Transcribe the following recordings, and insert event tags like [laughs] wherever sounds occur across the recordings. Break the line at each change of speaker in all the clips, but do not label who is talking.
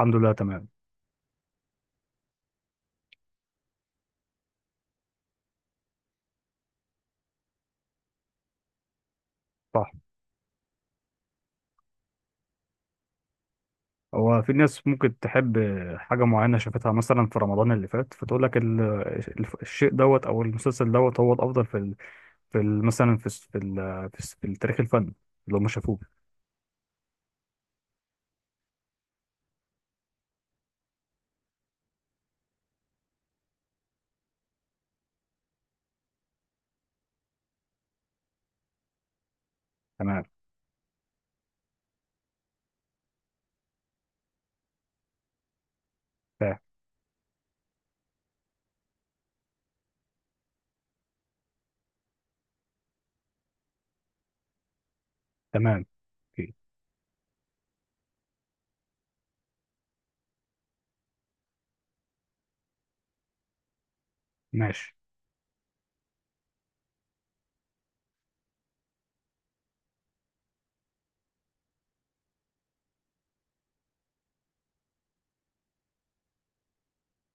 الحمد لله، تمام. صح. هو في ناس ممكن تحب حاجة معينة شافتها مثلا في رمضان اللي فات فتقول لك الشيء دوت أو المسلسل دوت هو الأفضل في مثلا في التاريخ الفني اللي هم شافوه. تمام، فاهم. تمام، أوكي. ماشي.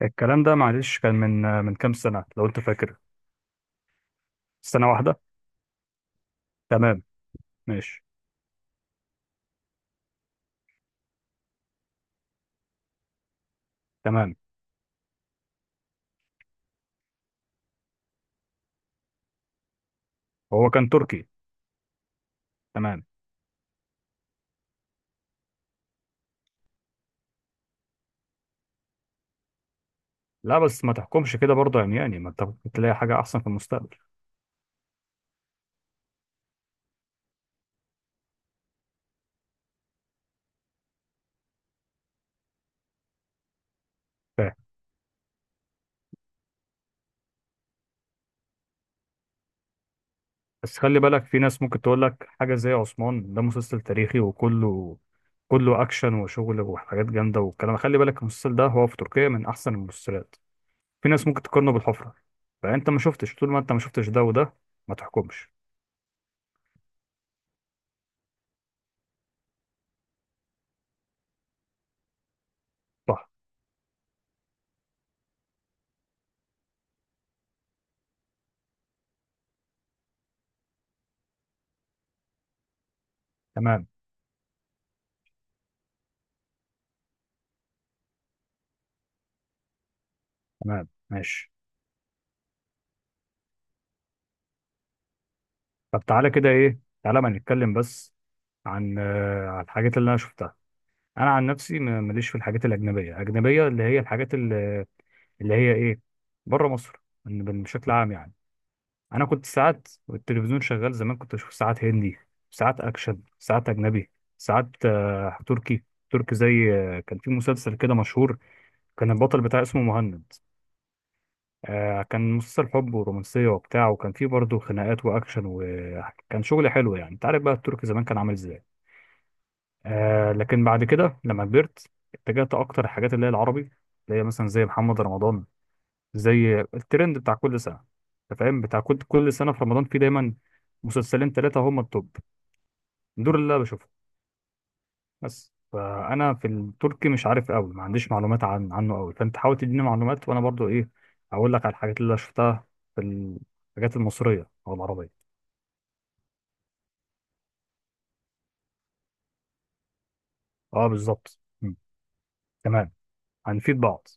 الكلام ده معلش كان من كام سنة لو أنت فاكر؟ سنة واحدة. تمام، ماشي، تمام. هو كان تركي؟ تمام. لا، بس ما تحكمش كده برضه، يعني ما أنت ممكن تلاقي حاجة أحسن في المستقبل. بس خلي بالك، في ناس ممكن تقول لك حاجة زي عثمان، ده مسلسل تاريخي، وكله كله أكشن وشغل وحاجات جامدة والكلام. خلي بالك المسلسل ده هو في تركيا من أحسن المسلسلات، في ناس ممكن تقارنه بالحفرة. فأنت ما شفتش، طول ما أنت ما شفتش ده وده ما تحكمش. صح. تمام. تمام، ماشي. طب تعالى كده إيه، تعالى ما نتكلم بس عن عن الحاجات اللي أنا شفتها. أنا عن نفسي ماليش في الحاجات الأجنبية، أجنبية اللي هي الحاجات اللي هي إيه، بره مصر، بشكل عام يعني. انا كنت ساعات والتلفزيون شغال زمان كنت بشوف ساعات هندي، ساعات اكشن، ساعات اجنبي، ساعات تركي. تركي زي كان في مسلسل كده مشهور، كان البطل بتاعه اسمه مهند. كان مسلسل حب ورومانسية وبتاع، وكان فيه برضه خناقات واكشن، وكان شغل حلو يعني. انت عارف بقى التركي زمان كان عامل ازاي. لكن بعد كده لما كبرت اتجهت اكتر الحاجات اللي هي العربي، اللي هي مثلا زي محمد رمضان، زي الترند بتاع كل سنه. انت فاهم، بتاع كل سنه في رمضان في دايما مسلسلين ثلاثه هم التوب، دول اللي انا بشوفهم. بس فانا في التركي مش عارف قوي، ما عنديش معلومات عنه قوي، فانت حاول تديني معلومات وانا برضو ايه، اقول لك على الحاجات اللي أنا شفتها في الحاجات المصريه او العربيه. اه، بالظبط. تمام، هنفيد بعض.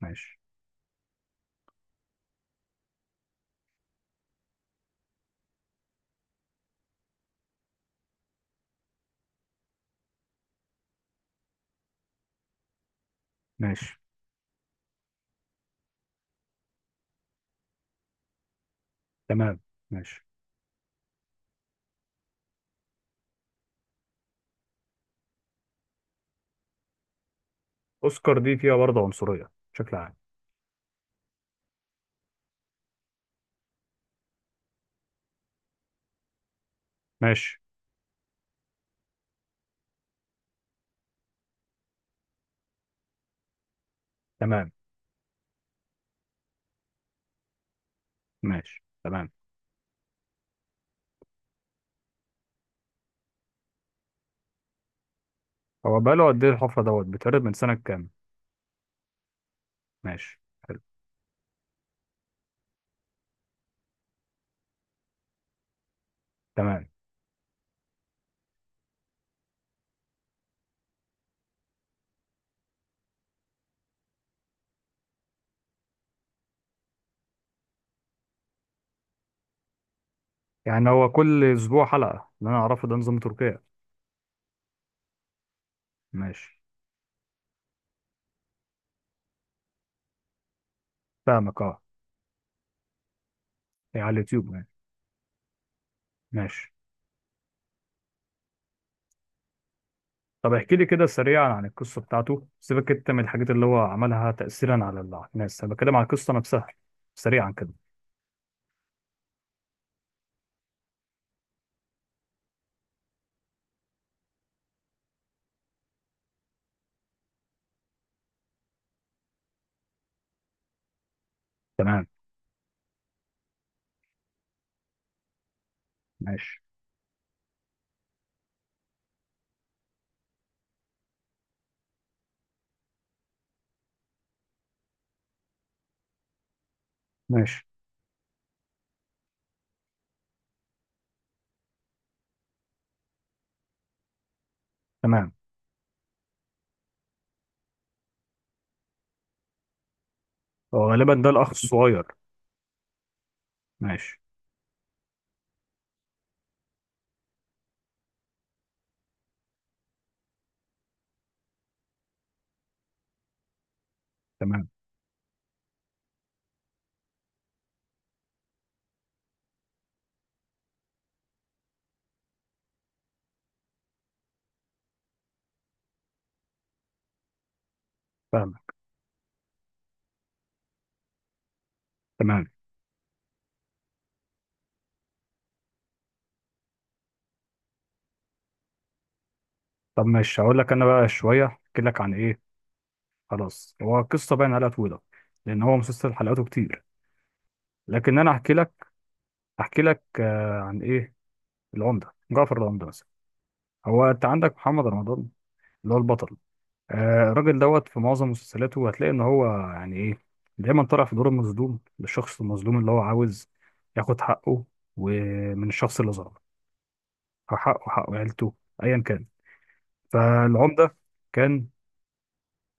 ماشي. ماشي. تمام، ماشي. اوسكار دي فيها برضه عنصريه بشكل عام. ماشي. تمام، ماشي. تمام. هو بقاله قد ايه الحفرة دوت بيتعرض، من سنة كام؟ ماشي، حلو. تمام. يعني هو كل اسبوع حلقة، اللي انا اعرفه ده نظام تركيا. ماشي. فاهمك، اه. هي على اليوتيوب يعني؟ ماشي. طب احكي لي كده سريعا عن القصة بتاعته، سيبك انت من الحاجات اللي هو عملها تأثيرا على الناس، انا بتكلم عن القصة نفسها، سريعا كده. تمام. ماشي. ماشي. تمام. هو غالبا ده الاخ الصغير. ماشي. تمام. فاهمك. تمام. طب ماشي، هقول لك انا بقى شوية، احكي لك عن ايه. خلاص، هو قصة باين عليها طويلة لان هو مسلسل حلقاته كتير. لكن انا احكي لك، احكي لك عن ايه، العمده، جعفر العمده مثلا. هو انت عندك محمد رمضان اللي هو البطل. الراجل دوت في معظم مسلسلاته هتلاقي ان هو، يعني ايه، دايما طالع في دور المظلوم، للشخص المظلوم اللي هو عاوز ياخد حقه، ومن الشخص اللي ظلمه، حقه، حق عيلته، ايا كان. فالعمده كان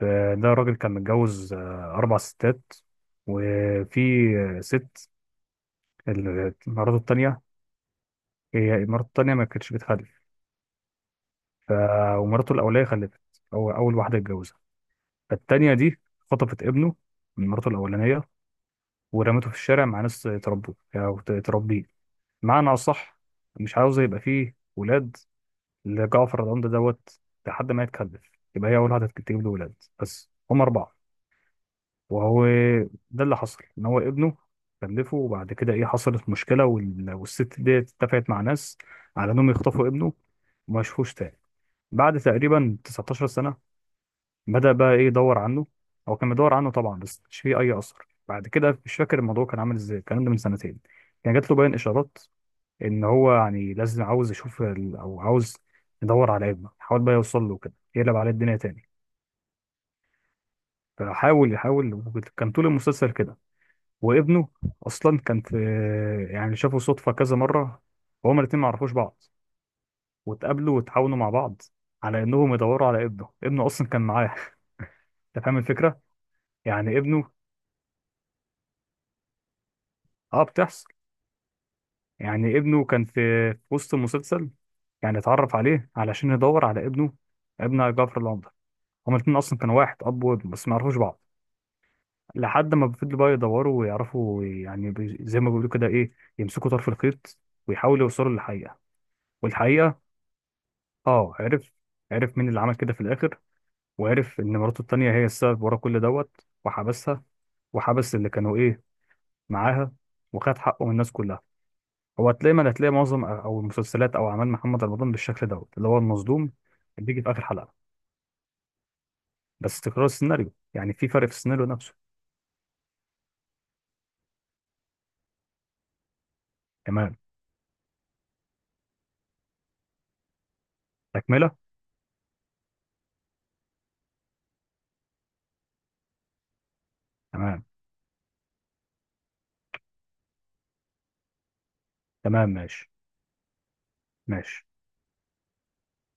ده راجل كان متجوز اربع ستات، وفي ست مراته التانيه، هي مراته التانيه ما كانتش بتخلف. ف... ومراته الأولية خلفت، هو أول واحدة اتجوزها. فالتانية دي خطفت ابنه من مراته الأولانية ورمته في الشارع مع ناس تربوه، أو تربيه، معنى أصح، مش عاوزة يبقى فيه ولاد لجعفر العمدة دوت، لحد ما يتكلف، يبقى هي أول واحدة تجيب له ولاد، بس هم أربعة. وهو ده اللي حصل، إن هو ابنه خلفه وبعد كده إيه، حصلت مشكلة والست دي اتفقت مع ناس على إنهم يخطفوا ابنه وما يشوفوش تاني. بعد تقريبا 19 سنة بدأ بقى ايه، يدور عنه. هو كان بيدور عنه طبعا، بس مش فيه اي اثر. بعد كده، مش فاكر الموضوع كان عامل ازاي، الكلام ده من سنتين، كان جات له باين اشارات ان هو يعني لازم، عاوز يشوف او عاوز يدور على ابنه، حاول بقى يوصل له كده، يقلب عليه الدنيا تاني. فحاول يحاول كان طول المسلسل كده. وابنه اصلا كان في، يعني شافوا صدفه كذا مره وهما الاتنين ما عرفوش بعض، واتقابلوا وتعاونوا مع بعض على انهم يدوروا على ابنه، ابنه اصلا كان معاه. [laughs] انت فاهم الفكره، يعني ابنه، اه، بتحصل. يعني ابنه كان في وسط المسلسل، يعني اتعرف عليه علشان يدور على ابنه، ابن جعفر العمدة، هما الاتنين أصلا كانوا واحد أب وابن بس ما يعرفوش بعض. لحد ما فضلوا بقى يدوروا ويعرفوا، يعني زي ما بيقولوا كده، إيه، يمسكوا طرف الخيط ويحاولوا يوصلوا للحقيقة. والحقيقة، آه، عرف، عرف مين اللي عمل كده في الآخر، وعرف إن مراته التانية هي السبب ورا كل دوت، وحبسها وحبس اللي كانوا إيه معاها، وخد حقه من الناس كلها. هو هتلاقي، ما هتلاقي معظم او المسلسلات او اعمال محمد رمضان بالشكل دوت، اللي هو المظلوم اللي بيجي في اخر حلقه. بس تكرار السيناريو، يعني في فرق في السيناريو نفسه. تمام، تكمله. تمام. تمام، ماشي. ماشي.